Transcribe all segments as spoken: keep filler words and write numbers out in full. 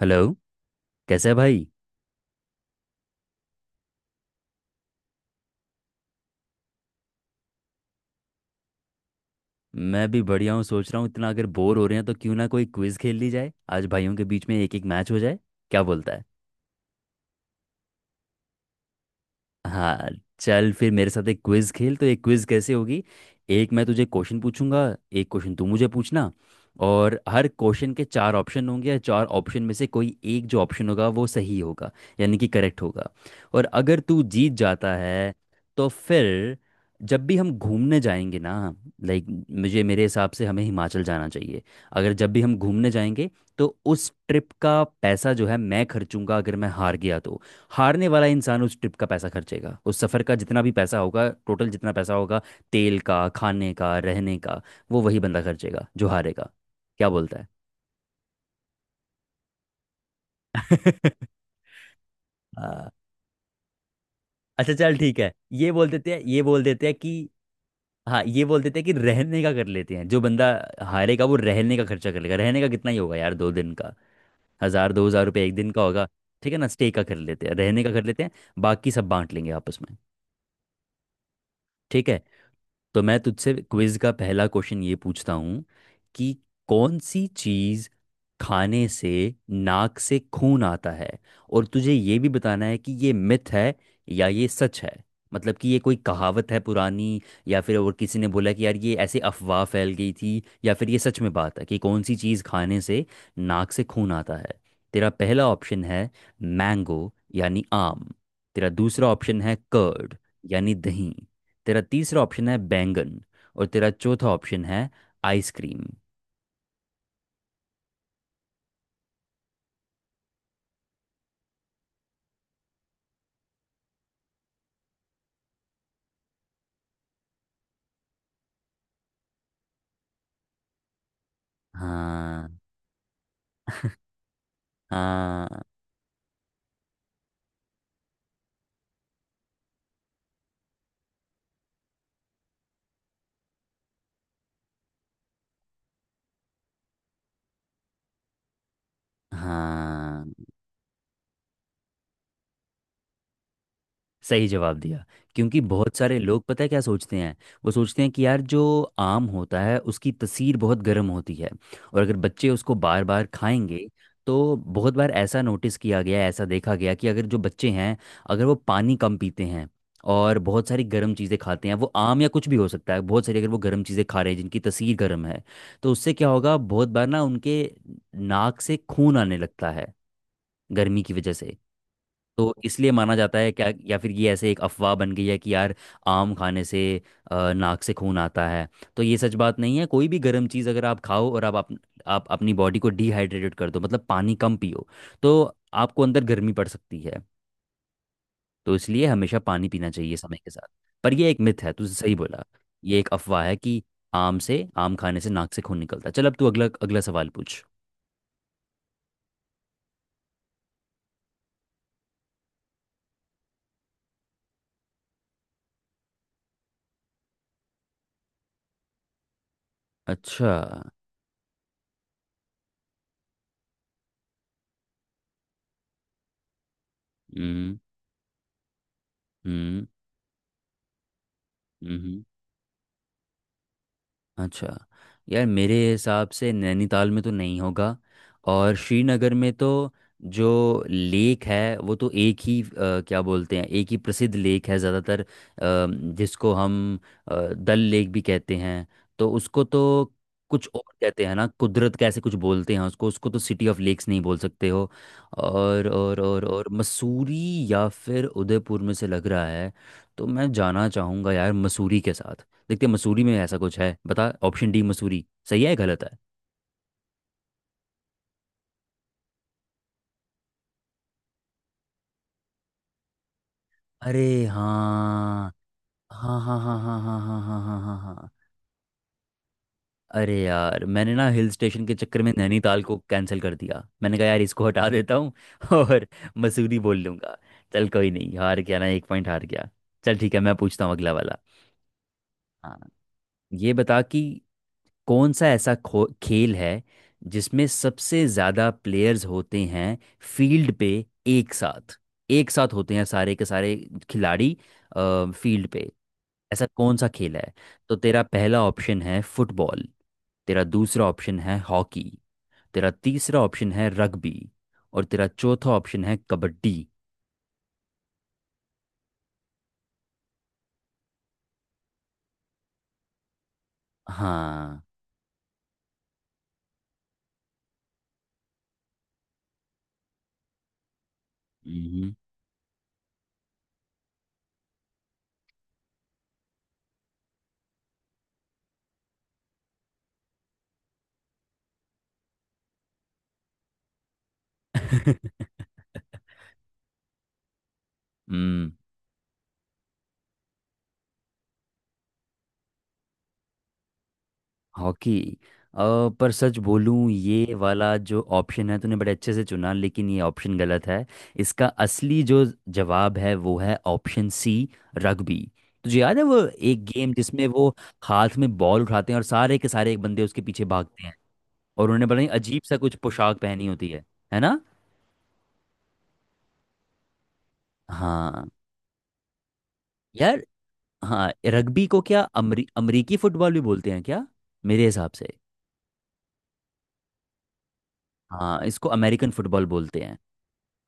Hello. कैसे है भाई? मैं भी बढ़िया हूँ। सोच रहा हूँ इतना अगर बोर हो रहे हैं तो क्यों ना कोई क्विज खेल ली जाए, आज भाइयों के बीच में एक एक मैच हो जाए। क्या बोलता है? हाँ। चल फिर मेरे साथ एक क्विज खेल। तो एक क्विज कैसे होगी, एक मैं तुझे क्वेश्चन पूछूंगा, एक क्वेश्चन तू मुझे पूछना। और हर क्वेश्चन के चार ऑप्शन होंगे, या चार ऑप्शन में से कोई एक जो ऑप्शन होगा वो सही होगा, यानी कि करेक्ट होगा। और अगर तू जीत जाता है, तो फिर जब भी हम घूमने जाएंगे ना, लाइक मुझे, मेरे हिसाब से हमें हिमाचल जाना चाहिए, अगर जब भी हम घूमने जाएंगे, तो उस ट्रिप का पैसा जो है मैं खर्चूंगा, अगर मैं हार गया तो। हारने वाला इंसान उस ट्रिप का पैसा खर्चेगा, उस सफ़र का जितना भी पैसा होगा, टोटल जितना पैसा होगा, तेल का, खाने का, रहने का, वो वही बंदा खर्चेगा जो हारेगा। क्या बोलता है? हाँ। अच्छा चल ठीक है, ये बोल देते हैं ये बोल देते हैं कि हाँ, ये बोल देते हैं कि रहने का कर लेते हैं। जो बंदा हारेगा वो रहने का खर्चा कर लेगा। रहने का कितना ही होगा यार, दो दिन का हज़ार दो हज़ार रुपये एक दिन का होगा। ठीक है ना, स्टे का कर लेते हैं, रहने का कर लेते हैं। बाकी सब बांट लेंगे आपस में। ठीक है। तो मैं तुझसे क्विज का पहला क्वेश्चन ये पूछता हूँ कि कौन सी चीज़ खाने से नाक से खून आता है? और तुझे ये भी बताना है कि ये मिथ है या ये सच है। मतलब कि ये कोई कहावत है पुरानी, या फिर और किसी ने बोला कि यार ये ऐसे अफवाह फैल गई थी, या फिर ये सच में बात है कि कौन सी चीज़ खाने से नाक से खून आता है। तेरा पहला ऑप्शन है मैंगो, यानी आम। तेरा दूसरा ऑप्शन है कर्ड, यानी दही। तेरा तीसरा ऑप्शन है बैंगन। और तेरा चौथा ऑप्शन है आइसक्रीम। हाँ, हाँ, हाँ, सही जवाब दिया। क्योंकि बहुत सारे लोग पता है क्या सोचते हैं, वो सोचते हैं कि यार जो आम होता है उसकी तसीर बहुत गर्म होती है, और अगर बच्चे उसको बार बार खाएंगे तो बहुत बार ऐसा नोटिस किया गया, ऐसा देखा गया कि अगर जो बच्चे हैं, अगर वो पानी कम पीते हैं और बहुत सारी गर्म चीज़ें खाते हैं, वो आम या कुछ भी हो सकता है, बहुत सारी अगर वो गर्म चीज़ें खा रहे हैं जिनकी तसीर गर्म है, तो उससे क्या होगा, बहुत बार ना उनके नाक से खून आने लगता है, गर्मी की वजह से। तो इसलिए माना जाता है क्या, या फिर ये ऐसे एक अफवाह बन गई है कि यार आम खाने से अ, नाक से खून आता है। तो ये सच बात नहीं है। कोई भी गर्म चीज़ अगर आप खाओ, और आप, आप, आप अपनी बॉडी को डिहाइड्रेटेड कर दो, मतलब पानी कम पियो, तो आपको अंदर गर्मी पड़ सकती है। तो इसलिए हमेशा पानी पीना चाहिए समय के साथ। पर ये एक मिथ है, तू सही बोला। ये एक अफवाह है कि आम से आम खाने से नाक से खून निकलता है। चल अब तू अगला अगला सवाल पूछ। अच्छा। हम्म, हम्म, हम्म, हम्म। अच्छा, यार मेरे हिसाब से नैनीताल में तो नहीं होगा, और श्रीनगर में तो जो लेक है वो तो एक ही, अ, क्या बोलते हैं, एक ही प्रसिद्ध लेक है ज़्यादातर, अ, जिसको हम अ, डल लेक भी कहते हैं। तो उसको तो कुछ और कहते हैं ना, कुदरत, कैसे कुछ बोलते हैं उसको उसको तो सिटी ऑफ लेक्स नहीं बोल सकते हो। और और और और मसूरी या फिर उदयपुर में से लग रहा है। तो मैं जाना चाहूँगा यार मसूरी के साथ। देखते हैं मसूरी में ऐसा कुछ है, बता, ऑप्शन डी मसूरी सही है या गलत है? अरे, हाँ, हाँ, हाँ, हाँ, हाँ, हाँ, हाँ, हाँ, हाँ, हाँ, हाँ, हाँ। अरे यार, मैंने ना हिल स्टेशन के चक्कर में नैनीताल को कैंसिल कर दिया, मैंने कहा यार इसको हटा देता हूँ और मसूरी बोल लूंगा। चल कोई नहीं, हार गया ना, एक पॉइंट हार गया। चल ठीक है, मैं पूछता हूँ अगला वाला। हाँ। ये बता कि कौन सा ऐसा खो खेल है जिसमें सबसे ज़्यादा प्लेयर्स होते हैं, फील्ड पे एक साथ, एक साथ होते हैं सारे के सारे खिलाड़ी फील्ड पे। ऐसा कौन सा खेल है? तो तेरा पहला ऑप्शन है फुटबॉल, तेरा दूसरा ऑप्शन है हॉकी, तेरा तीसरा ऑप्शन है रग्बी, और तेरा चौथा ऑप्शन है कबड्डी। हाँ। हम्म। हॉकी, अ, पर सच बोलूं, ये वाला जो ऑप्शन है तूने बड़े अच्छे से चुना, लेकिन ये ऑप्शन गलत है। इसका असली जो जवाब है वो है ऑप्शन सी, रग्बी। तुझे याद है वो एक गेम जिसमें वो हाथ में बॉल उठाते हैं और सारे के सारे एक बंदे उसके पीछे भागते हैं, और उन्होंने बड़ा ही अजीब सा कुछ पोशाक पहनी होती है है ना? हाँ। यार हाँ, रग्बी को क्या अमरी, अमरीकी फुटबॉल भी बोलते हैं क्या? मेरे हिसाब से हाँ, इसको अमेरिकन फुटबॉल बोलते हैं।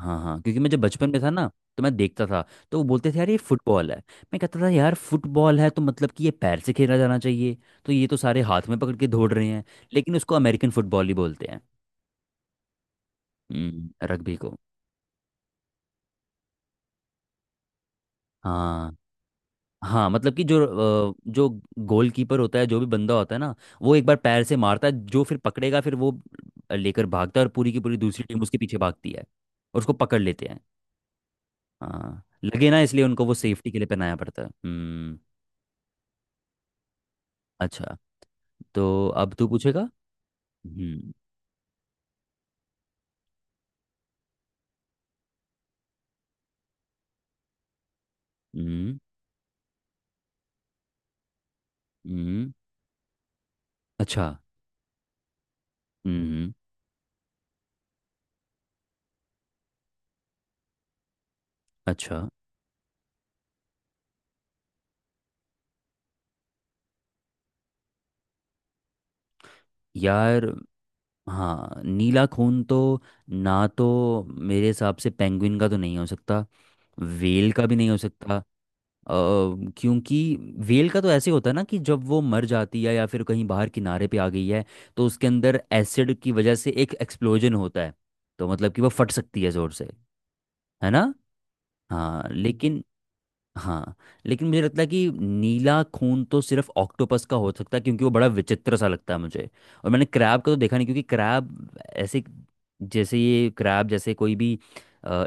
हाँ हाँ, क्योंकि मैं जब बचपन में था ना, तो मैं देखता था, तो वो बोलते थे यार ये फुटबॉल है। मैं कहता था यार फुटबॉल है तो मतलब कि ये पैर से खेला जाना चाहिए, तो ये तो सारे हाथ में पकड़ के दौड़ रहे हैं। लेकिन उसको अमेरिकन फुटबॉल ही बोलते हैं। हम्म, रग्बी को। हाँ हाँ, मतलब कि जो अ, जो गोलकीपर होता है, जो भी बंदा होता है ना, वो एक बार पैर से मारता है, जो फिर पकड़ेगा फिर वो लेकर भागता है, और पूरी की पूरी दूसरी टीम उसके पीछे भागती है और उसको पकड़ लेते हैं। हाँ, लगे ना, इसलिए उनको वो सेफ्टी के लिए पहनाया पड़ता है। हम्म। अच्छा, तो अब तू पूछेगा। हम्म, हम्म, हम्म, अच्छा, हम्म, अच्छा। यार हाँ, नीला खून तो, ना तो मेरे हिसाब से पेंगुइन का तो नहीं हो सकता, वेल का भी नहीं हो सकता। अ, क्योंकि वेल का तो ऐसे होता है ना कि जब वो मर जाती है या फिर कहीं बाहर किनारे पे आ गई है, तो उसके अंदर एसिड की वजह से एक एक्सप्लोजन होता है, तो मतलब कि वो फट सकती है जोर से, है ना? हाँ। लेकिन हाँ लेकिन मुझे लगता है कि नीला खून तो सिर्फ ऑक्टोपस का हो सकता है, क्योंकि वो बड़ा विचित्र सा लगता है मुझे। और मैंने क्रैब का तो देखा नहीं, क्योंकि क्रैब ऐसे, जैसे ये क्रैब, जैसे कोई भी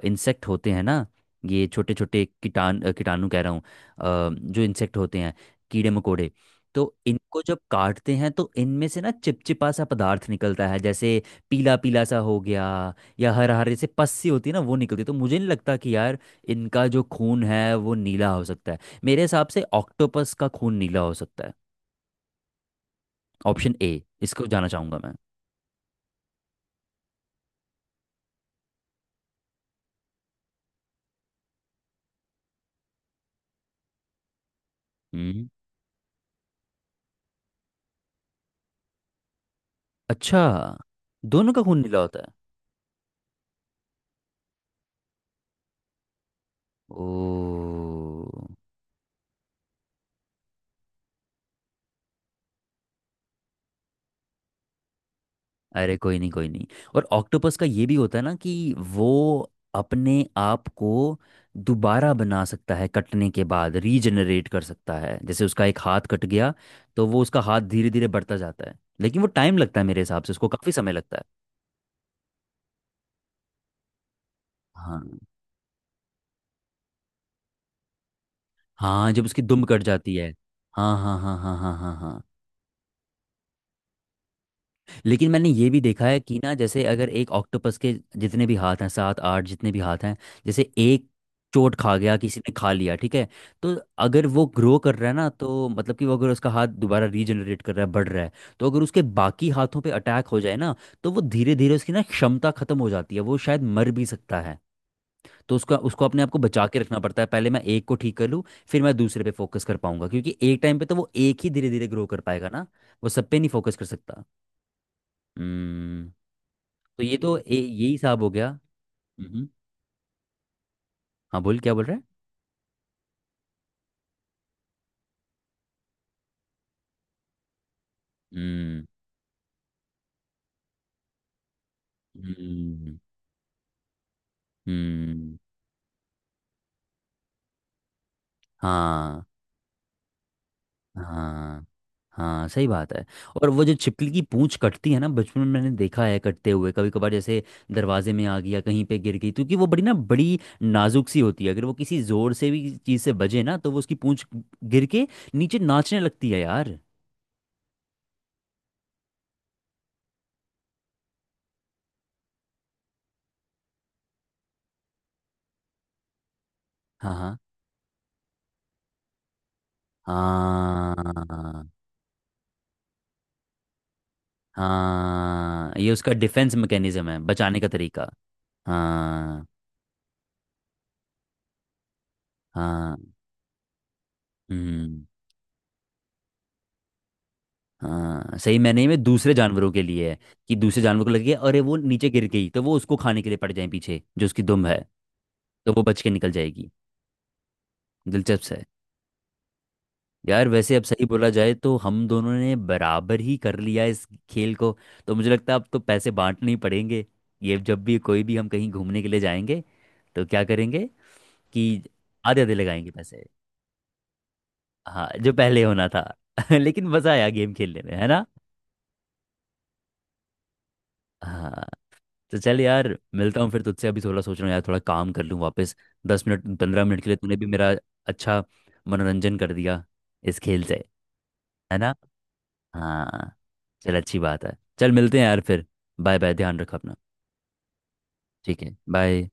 इंसेक्ट होते हैं ना, ये छोटे छोटे कीटाण अ, कीटाणु कह रहा हूँ, अ, जो इंसेक्ट होते हैं, कीड़े मकोड़े, तो इनको जब काटते हैं तो इनमें से ना चिपचिपा सा पदार्थ निकलता है, जैसे पीला पीला सा हो गया या हरे हरे से पस्सी होती है ना, वो निकलती है। तो मुझे नहीं लगता कि यार इनका जो खून है वो नीला हो सकता है। मेरे हिसाब से ऑक्टोपस का खून नीला हो सकता है, ऑप्शन ए, इसको जाना चाहूंगा मैं। हम्म। अच्छा, दोनों का खून नीला होता है? ओ। अरे कोई नहीं कोई नहीं। और ऑक्टोपस का ये भी होता है ना कि वो अपने आप को दोबारा बना सकता है, कटने के बाद रीजनरेट कर सकता है। जैसे उसका एक हाथ कट गया तो वो उसका हाथ धीरे धीरे बढ़ता जाता है, लेकिन वो टाइम लगता है, मेरे हिसाब से उसको काफ़ी समय लगता है। हाँ। हाँ, जब उसकी दुम कट जाती है। हाँ, हाँ, हाँ, हाँ, हाँ, हाँ, हाँ। लेकिन मैंने ये भी देखा है कि ना, जैसे अगर एक ऑक्टोपस के जितने भी हाथ हैं, सात आठ जितने भी हाथ हैं, जैसे एक चोट खा गया, किसी ने खा लिया, ठीक है, तो अगर वो ग्रो कर रहा है ना, तो मतलब कि वो अगर उसका हाथ दोबारा रीजनरेट कर रहा है, बढ़ रहा है, तो अगर उसके बाकी हाथों पे अटैक हो जाए ना, तो वो धीरे धीरे उसकी ना क्षमता खत्म हो जाती है, वो शायद मर भी सकता है। तो उसका उसको अपने आप को बचा के रखना पड़ता है, पहले मैं एक को ठीक कर लूँ, फिर मैं दूसरे पे फोकस कर पाऊंगा, क्योंकि एक टाइम पे तो वो एक ही धीरे धीरे ग्रो कर पाएगा ना, वो सब पे नहीं फोकस कर सकता। हम्म। तो ये तो ए- यही हिसाब हो गया। हम्म। हाँ बोल, क्या बोल रहा है? हम्म, हम्म, हम्म। हाँ, हाँ, हाँ, सही बात है। और वो जो छिपकली की पूंछ कटती है ना, बचपन में मैंने देखा है कटते हुए, कभी कभार जैसे दरवाजे में आ गया, कहीं पे गिर गई, क्योंकि वो बड़ी ना, बड़ी नाजुक सी होती है, अगर वो किसी जोर से भी चीज़ से बजे ना, तो वो उसकी पूंछ गिर के नीचे नाचने लगती है यार। हाँ, हाँ, हाँ, हाँ, ये उसका डिफेंस मैकेनिज्म है, बचाने का तरीका। हाँ, हाँ, हम्म। हाँ सही, मैंने में नहीं, मैं दूसरे जानवरों के लिए है, कि दूसरे जानवर को लगे अरे वो नीचे गिर गई तो वो उसको खाने के लिए पड़ जाए पीछे, जो उसकी दुम है, तो वो बच के निकल जाएगी। दिलचस्प है। यार वैसे अब सही बोला जाए तो हम दोनों ने बराबर ही कर लिया इस खेल को। तो मुझे लगता है अब तो पैसे बांटने ही पड़ेंगे। ये जब भी कोई भी हम कहीं घूमने के लिए जाएंगे, तो क्या करेंगे कि आधे आधे लगाएंगे पैसे, हाँ, जो पहले होना था। लेकिन मज़ा आया गेम खेलने में, है ना? हाँ। तो चल यार, मिलता हूँ फिर तुझसे, अभी थोड़ा सोच रहा हूँ यार, थोड़ा काम कर लूँ वापस, दस मिनट पंद्रह मिनट के लिए। तूने भी मेरा अच्छा मनोरंजन कर दिया इस खेल से, है ना? हाँ। चल अच्छी बात है, चल मिलते हैं यार फिर। बाय बाय, ध्यान रख अपना। ठीक है, बाय।